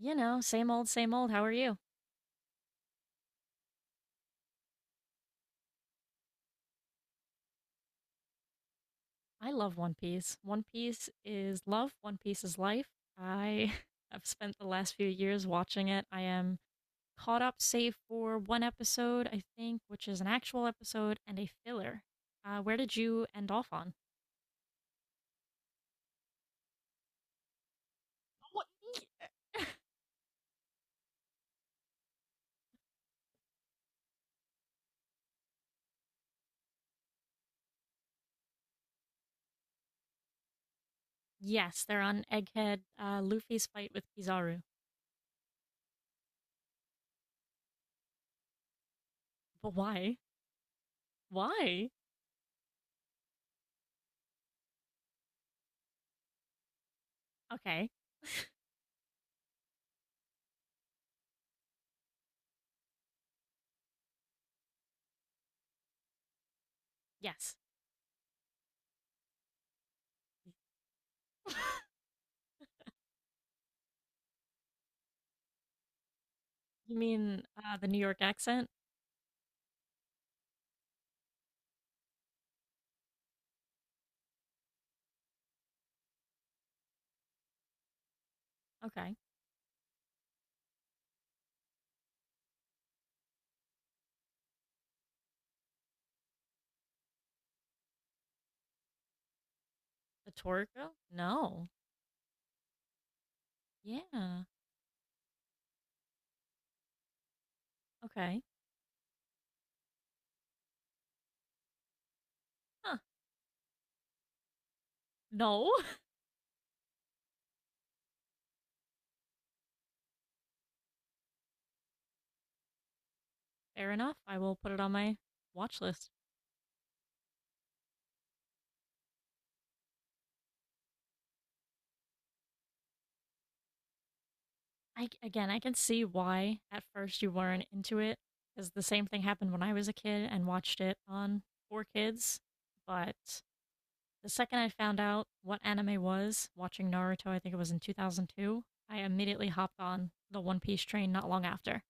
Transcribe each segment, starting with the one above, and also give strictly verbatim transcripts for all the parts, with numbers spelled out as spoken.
You know, same old, same old. How are you? I love One Piece. One Piece is love. One Piece is life. I have spent the last few years watching it. I am caught up, save for one episode, I think, which is an actual episode and a filler. Uh, where did you end off on? What? Yes, they're on Egghead, uh, Luffy's fight with Kizaru. But why? Why? Okay. Yes. You mean uh, the New York accent? Okay. The Toriko? No. Yeah. Okay. Huh. No. Fair enough. I will put it on my watch list. I Again, I can see why at first you weren't into it because the same thing happened when I was a kid and watched it on Four Kids. But the second I found out what anime was, watching Naruto, I think it was in two thousand two, I immediately hopped on the One Piece train not long after.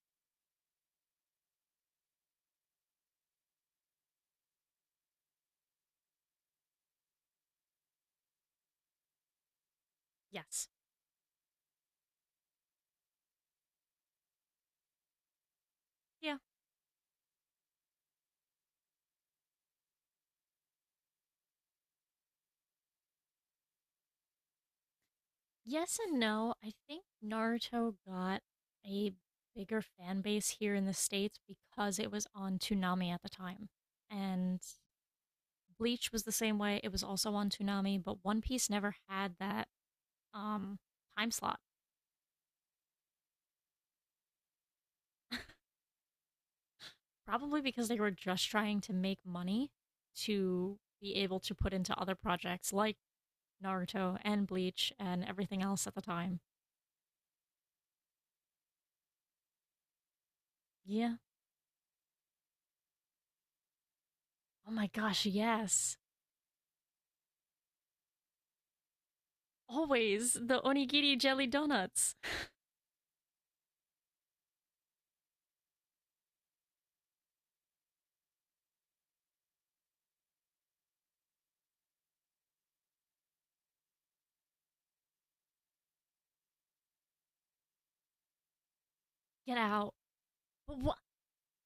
Yes. Yeah. Yes and no. I think Naruto got a bigger fan base here in the States because it was on Toonami at the time. And Bleach was the same way. It was also on Toonami, but One Piece never had that um time slot. Probably because they were just trying to make money to be able to put into other projects like Naruto and Bleach and everything else at the time. Yeah. Oh my gosh, yes. Always the onigiri jelly donuts. Get out. But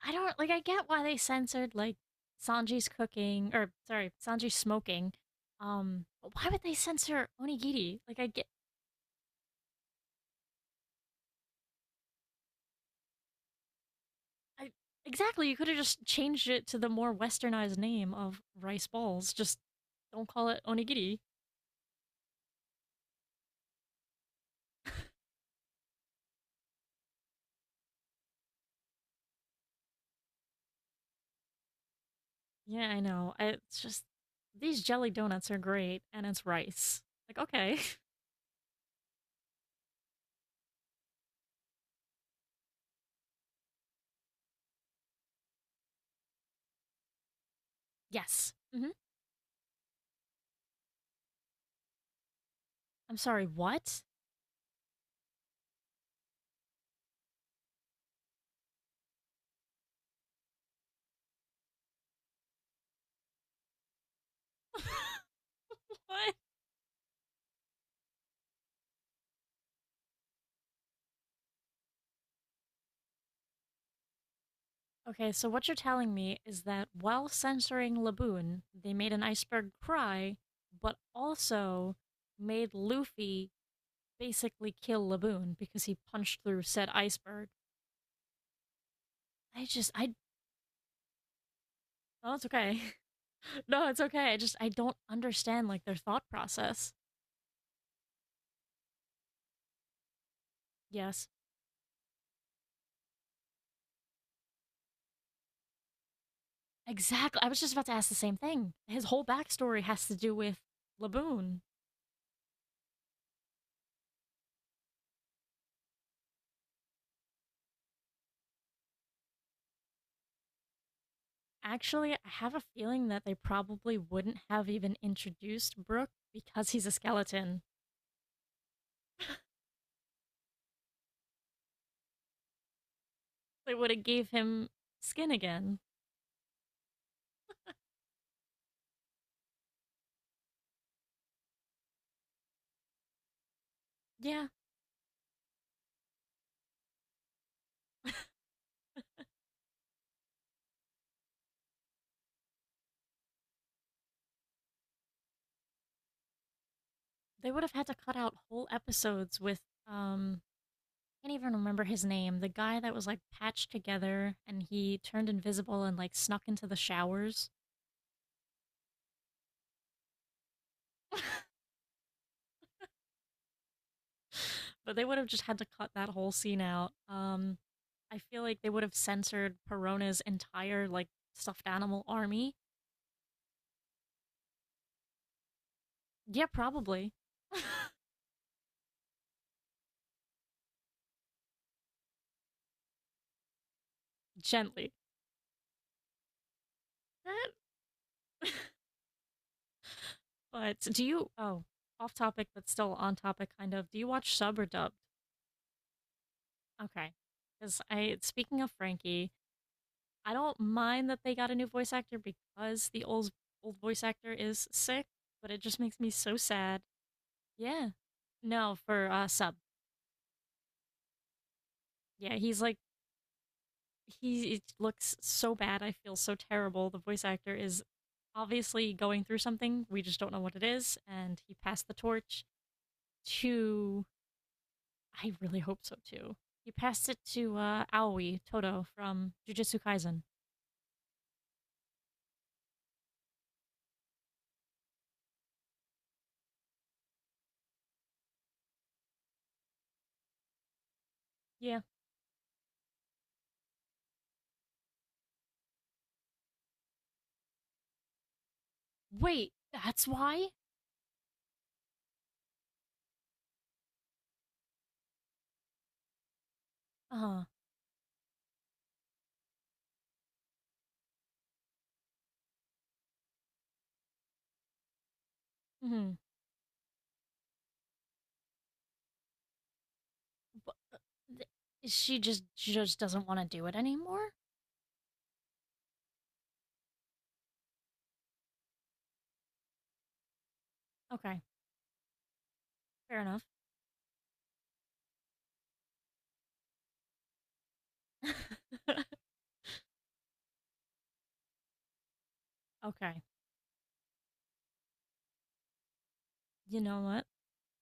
I don't like. I get why they censored like Sanji's cooking, or sorry, Sanji's smoking. Um, but why would they censor onigiri? Like, I get. I Exactly. You could have just changed it to the more westernized name of rice balls. Just don't call it onigiri. Yeah, I know. I, it's just these jelly donuts are great, and it's rice. Like, okay, yes. Hmm. I'm sorry. What? What? Okay, so what you're telling me is that while censoring Laboon, they made an iceberg cry, but also made Luffy basically kill Laboon because he punched through said iceberg. I just, I, no, it's okay. No, it's okay. I just, I don't understand like their thought process. Yes, exactly. I was just about to ask the same thing. His whole backstory has to do with Laboon. Actually, I have a feeling that they probably wouldn't have even introduced Brook because he's a skeleton. They would have gave him skin again. Yeah, they would have had to cut out whole episodes with, um I can't even remember his name. The guy that was like patched together and he turned invisible and like snuck into the showers. But they would have just had to cut that whole scene out. Um I feel like they would have censored Perona's entire like stuffed animal army. Yeah, probably. Gently. But do you oh, off topic but still on topic kind of. Do you watch sub or dub? Okay. Because I, speaking of Frankie, I don't mind that they got a new voice actor because the old old voice actor is sick, but it just makes me so sad. Yeah. No, for uh sub. Yeah, he's like he it looks so bad. I feel so terrible. The voice actor is obviously going through something. We just don't know what it is, and he passed the torch to— I really hope so too. He passed it to uh Aoi Toto from Jujutsu Kaisen. Yeah. Wait, that's why? Uh-huh. Mhm. Bu th she just she just doesn't wanna do it anymore? Okay, fair enough. Okay, you know what?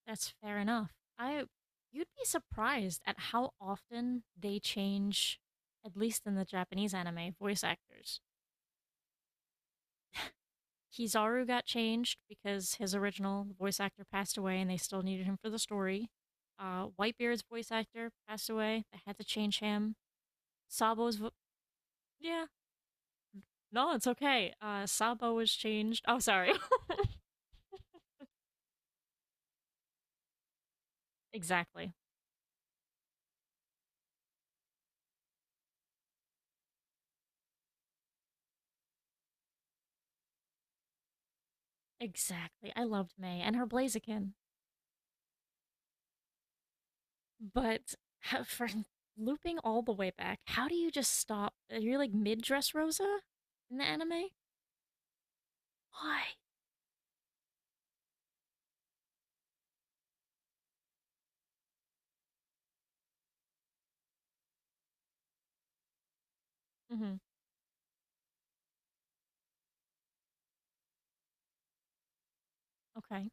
That's fair enough. I You'd be surprised at how often they change, at least in the Japanese anime, voice actors. Kizaru got changed because his original voice actor passed away and they still needed him for the story. Uh, Whitebeard's voice actor passed away. They had to change him. Sabo's vo Yeah. No, it's okay. Uh, Sabo was changed. Oh, sorry. Exactly. Exactly. I loved May and her Blaziken. But how, for looping all the way back, how do you just stop? You are like mid Dress Rosa in the anime? Why? Hmm. Okay.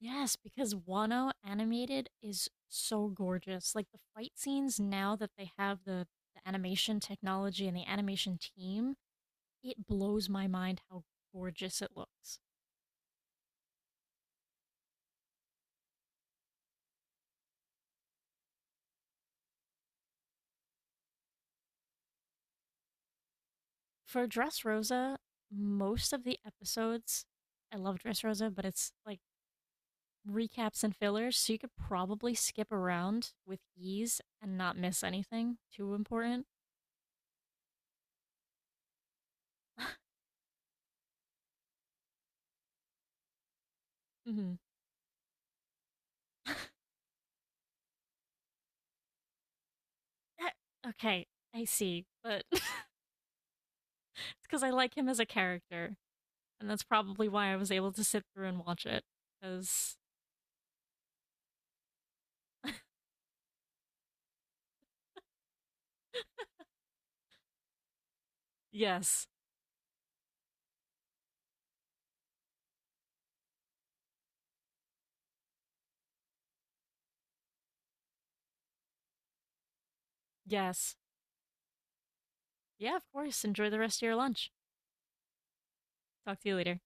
Yes, because Wano animated is so gorgeous. Like the fight scenes now that they have the, the animation technology and the animation team, it blows my mind how gorgeous it looks. For Dressrosa, most of the episodes, I love Dressrosa, but it's like recaps and fillers, so you could probably skip around with ease and not miss anything too important. Hmm. Okay, I see, but it's because I like him as a character, and that's probably why I was able to sit through and watch it. Because, yes, yes, yeah, of course, enjoy the rest of your lunch. Talk to you later.